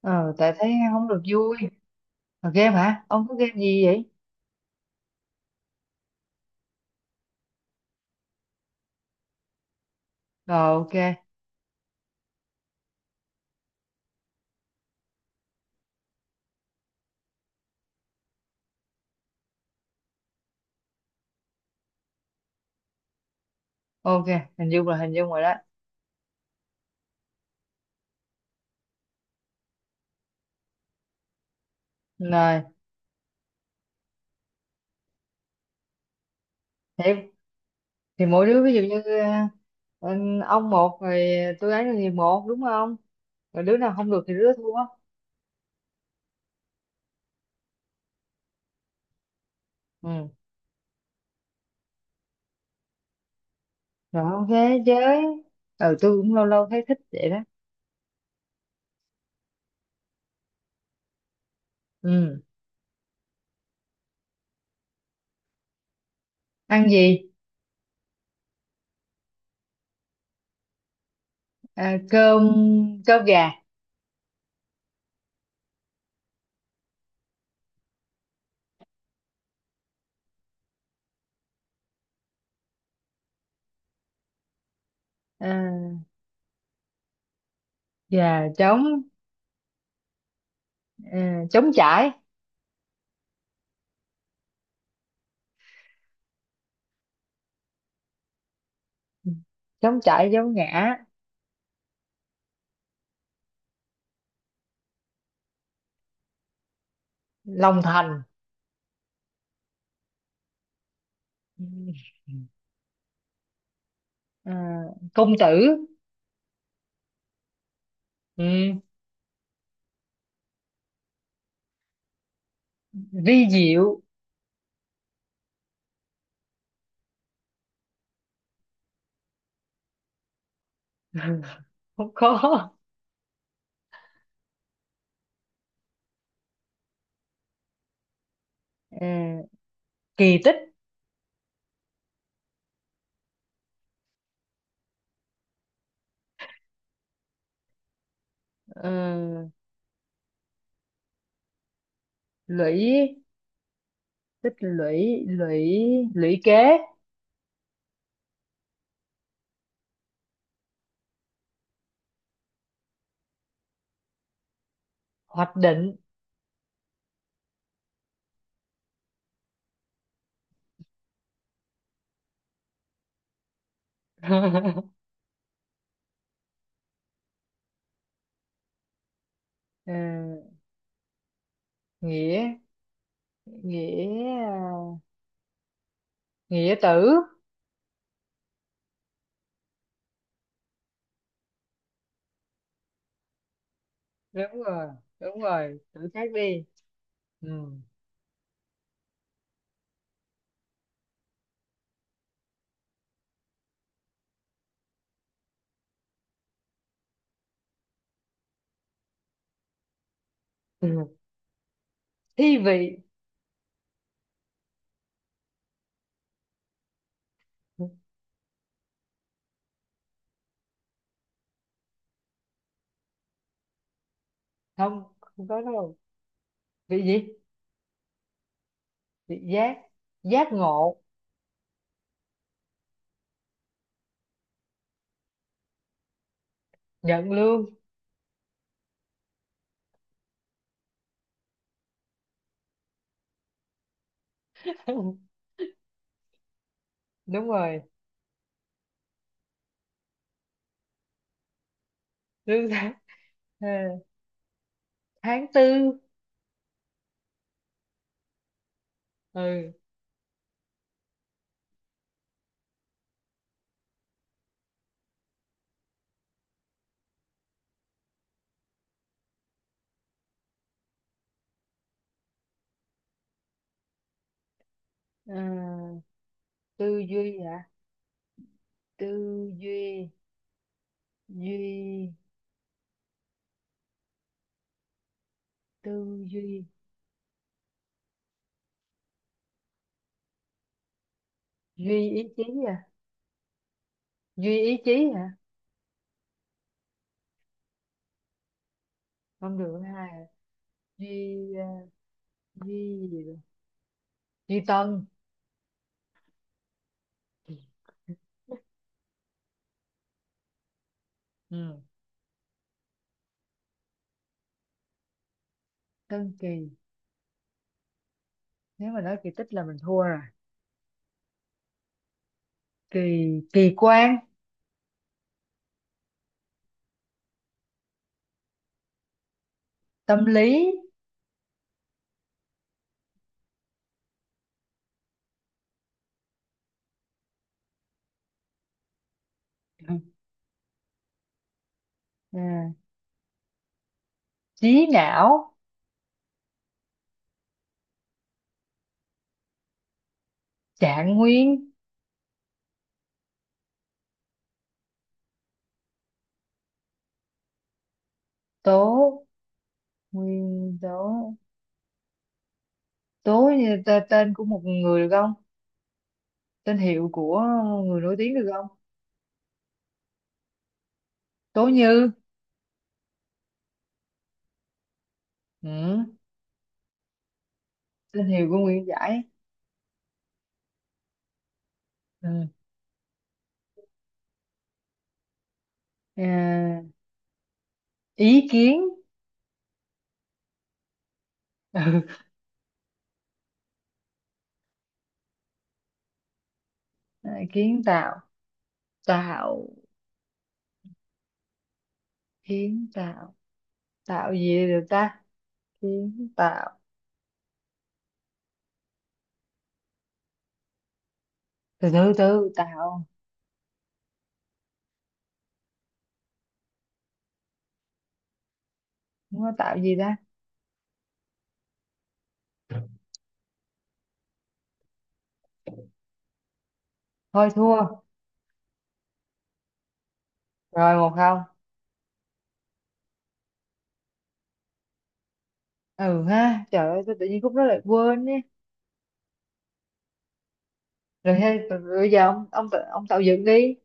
Ờ, tại thấy không được vui. Ờ, game hả? Ông có game gì vậy? Rồi, ok ok. Hình dung là hình dung rồi đó. Rồi thì, thì mỗi đứa ví dụ như ờ, ông một rồi, tôi ấy thì một đúng không, rồi đứa nào không được thì đứa thua. Ừ, rồi ok. Chơi. Ừ, tôi cũng lâu lâu thấy thích vậy đó. Ừ. Ăn gì? À, cơm. Cơm gà. À, gà trống. À, trống chải. Ừ, trống chải giống ngã. Lòng thành. Ừ. à, Công tử. Ừ, vi diệu. Không có. Ờ, kỳ tích. ờ, Lũy. Tích lũy lũy. Lũy kế hoạch định. Ờ, nghĩa. Nghĩa. Nghĩa tử. Đúng rồi. Đúng rồi, tử khác đi. Ừ. Ừ. Thi vị. Không, không có đâu. Vị gì? Vị giác. Giác ngộ. Nhận lương. Đúng rồi. Lương tháng. Tháng tư. Ừ. Ờ, tư duy à. Tư duy. Duy. Tư. Duy. Duy ý chí à. Duy ý chí hả? Không được cái hai à. Duy duy gì rồi? Duy tân. Ừ. Tân kỳ. Nếu mà nói kỳ tích là mình thua rồi. Kỳ. Kỳ quan tâm lý. Ừ. À, trí não trạng nguyên tố. Nguyên tố. Tên của một người được không? Tên hiệu của người nổi tiếng được không? Tố Như. Ừ. Tên hiệu của Nguyễn Giải. Ừ. À, ý kiến. Ừ. À, kiến tạo. Tạo. Kiến tạo. Tạo gì được ta? Kiến tạo. Từ từ từ. Tạo. Không có tạo gì ta? Thôi thua. Rồi một không. Ừ ha. Trời ơi, tôi tự nhiên khúc đó lại quên nhé. Rồi hay, bây giờ ông tạo dựng đi.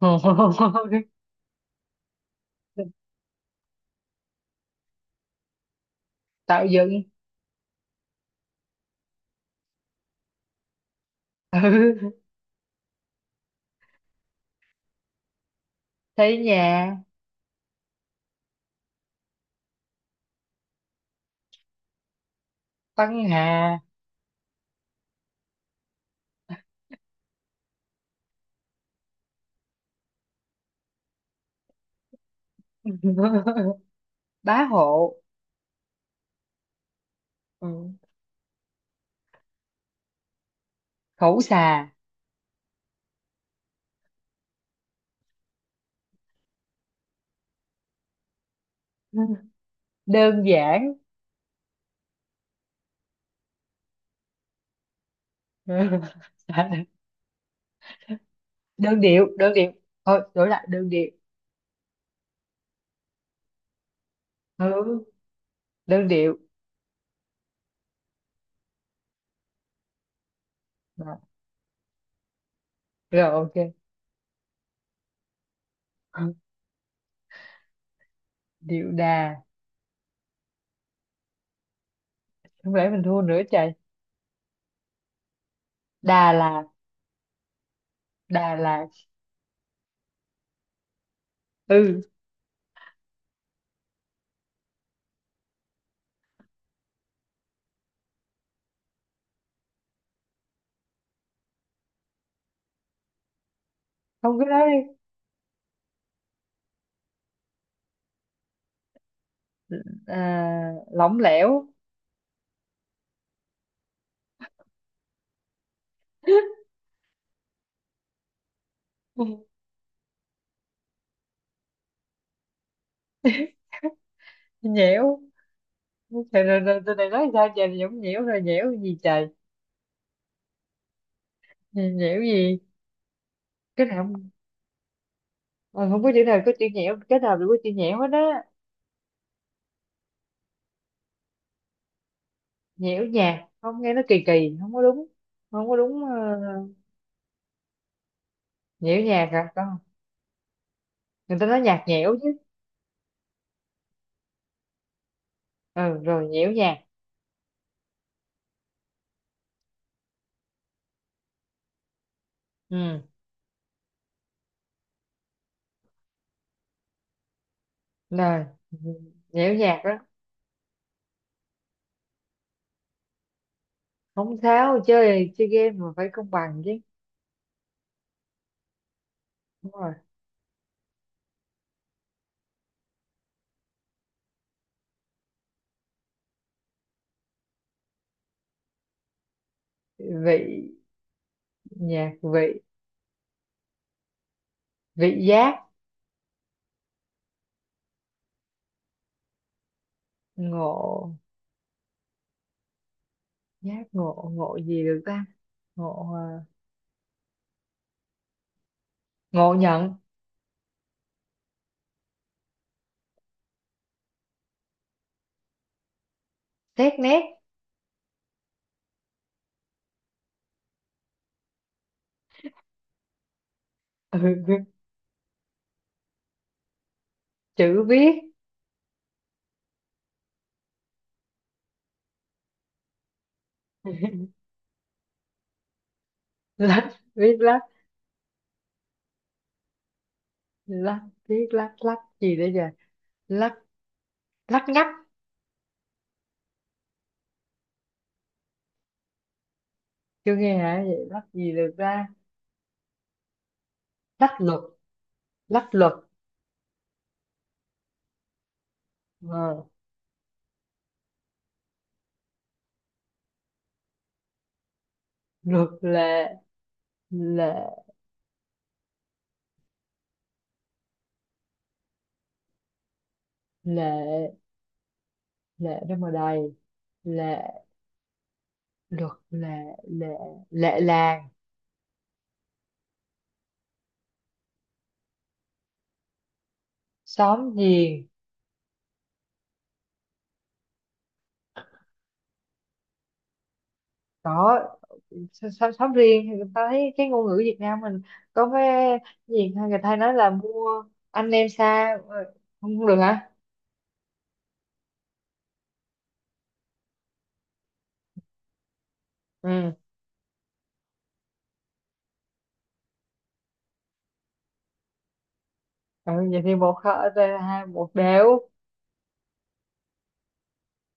Tạo dựng. Ừ. Thấy nhà. Tăng Hà. Bá hộ. Ừ. Khẩu xà đơn giản. Ừ. Đơn điệu, thôi đổi lại đơn điệu. Ừ. Đơn điệu. Đó. Rồi ok. Điệu đà. Không lẽ mình thua nữa trời. Đà là đà là. Ừ, không cái đó đi. À, lỏng lẻo. Nhẽo. Trời, rồi, rồi, từ này nói sao trời. Nhõng nhẽo, rồi nhẽo gì trời. Nhẽo gì? Cái nào không, ờ, không có chữ nào có chữ nhẽo, cái nào đều có chữ nhẽo hết á. Nhiễu nhạc không, nghe nó kỳ kỳ không có đúng. Không có đúng. Ờ, Nhiễu nhạc à con. Người ta nói nhạc nhẽo chứ. Ừ rồi, nhiễu nhạc. Ừ rồi nhiễu nhạc đó. Không tháo, chơi chơi game mà phải công bằng chứ. Đúng rồi. Vị. Nhạc vị. Vị giác. Ngộ. Giác ngộ. Ngộ gì được ta? Ngộ ngộ nhận xét nét. Ừ. Chữ viết. Lách viết lách. Lách. Viết lách. Lách gì đấy giờ. Lách. Lách ngắt. Chưa nghe hả? Vậy lách gì được ra. Lách luật. Lách luật. Ờ, luật lệ. Lệ. Lệ. Lệ đâu mà đầy. Lệ. Luật lệ. Lệ. Lệ làng. Xóm giềng. Có. Xóm, xóm xóm riêng thì thấy cái ngôn ngữ Việt Nam mình có cái gì người ta hay nói là mua anh em xa không. Không được hả? Ừ. Ừ, vậy thì một hai một đều.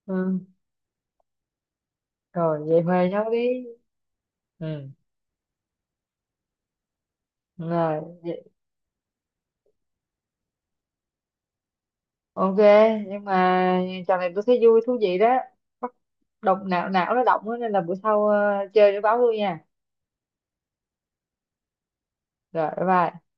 Ừ. Rồi vậy Huệ nhau đi. Ừ rồi ok. Nhưng mà trò này tôi thấy vui thú vị đó. Bắt động não, não nó động á, nên là bữa sau chơi nó báo tôi nha. Rồi bye bye.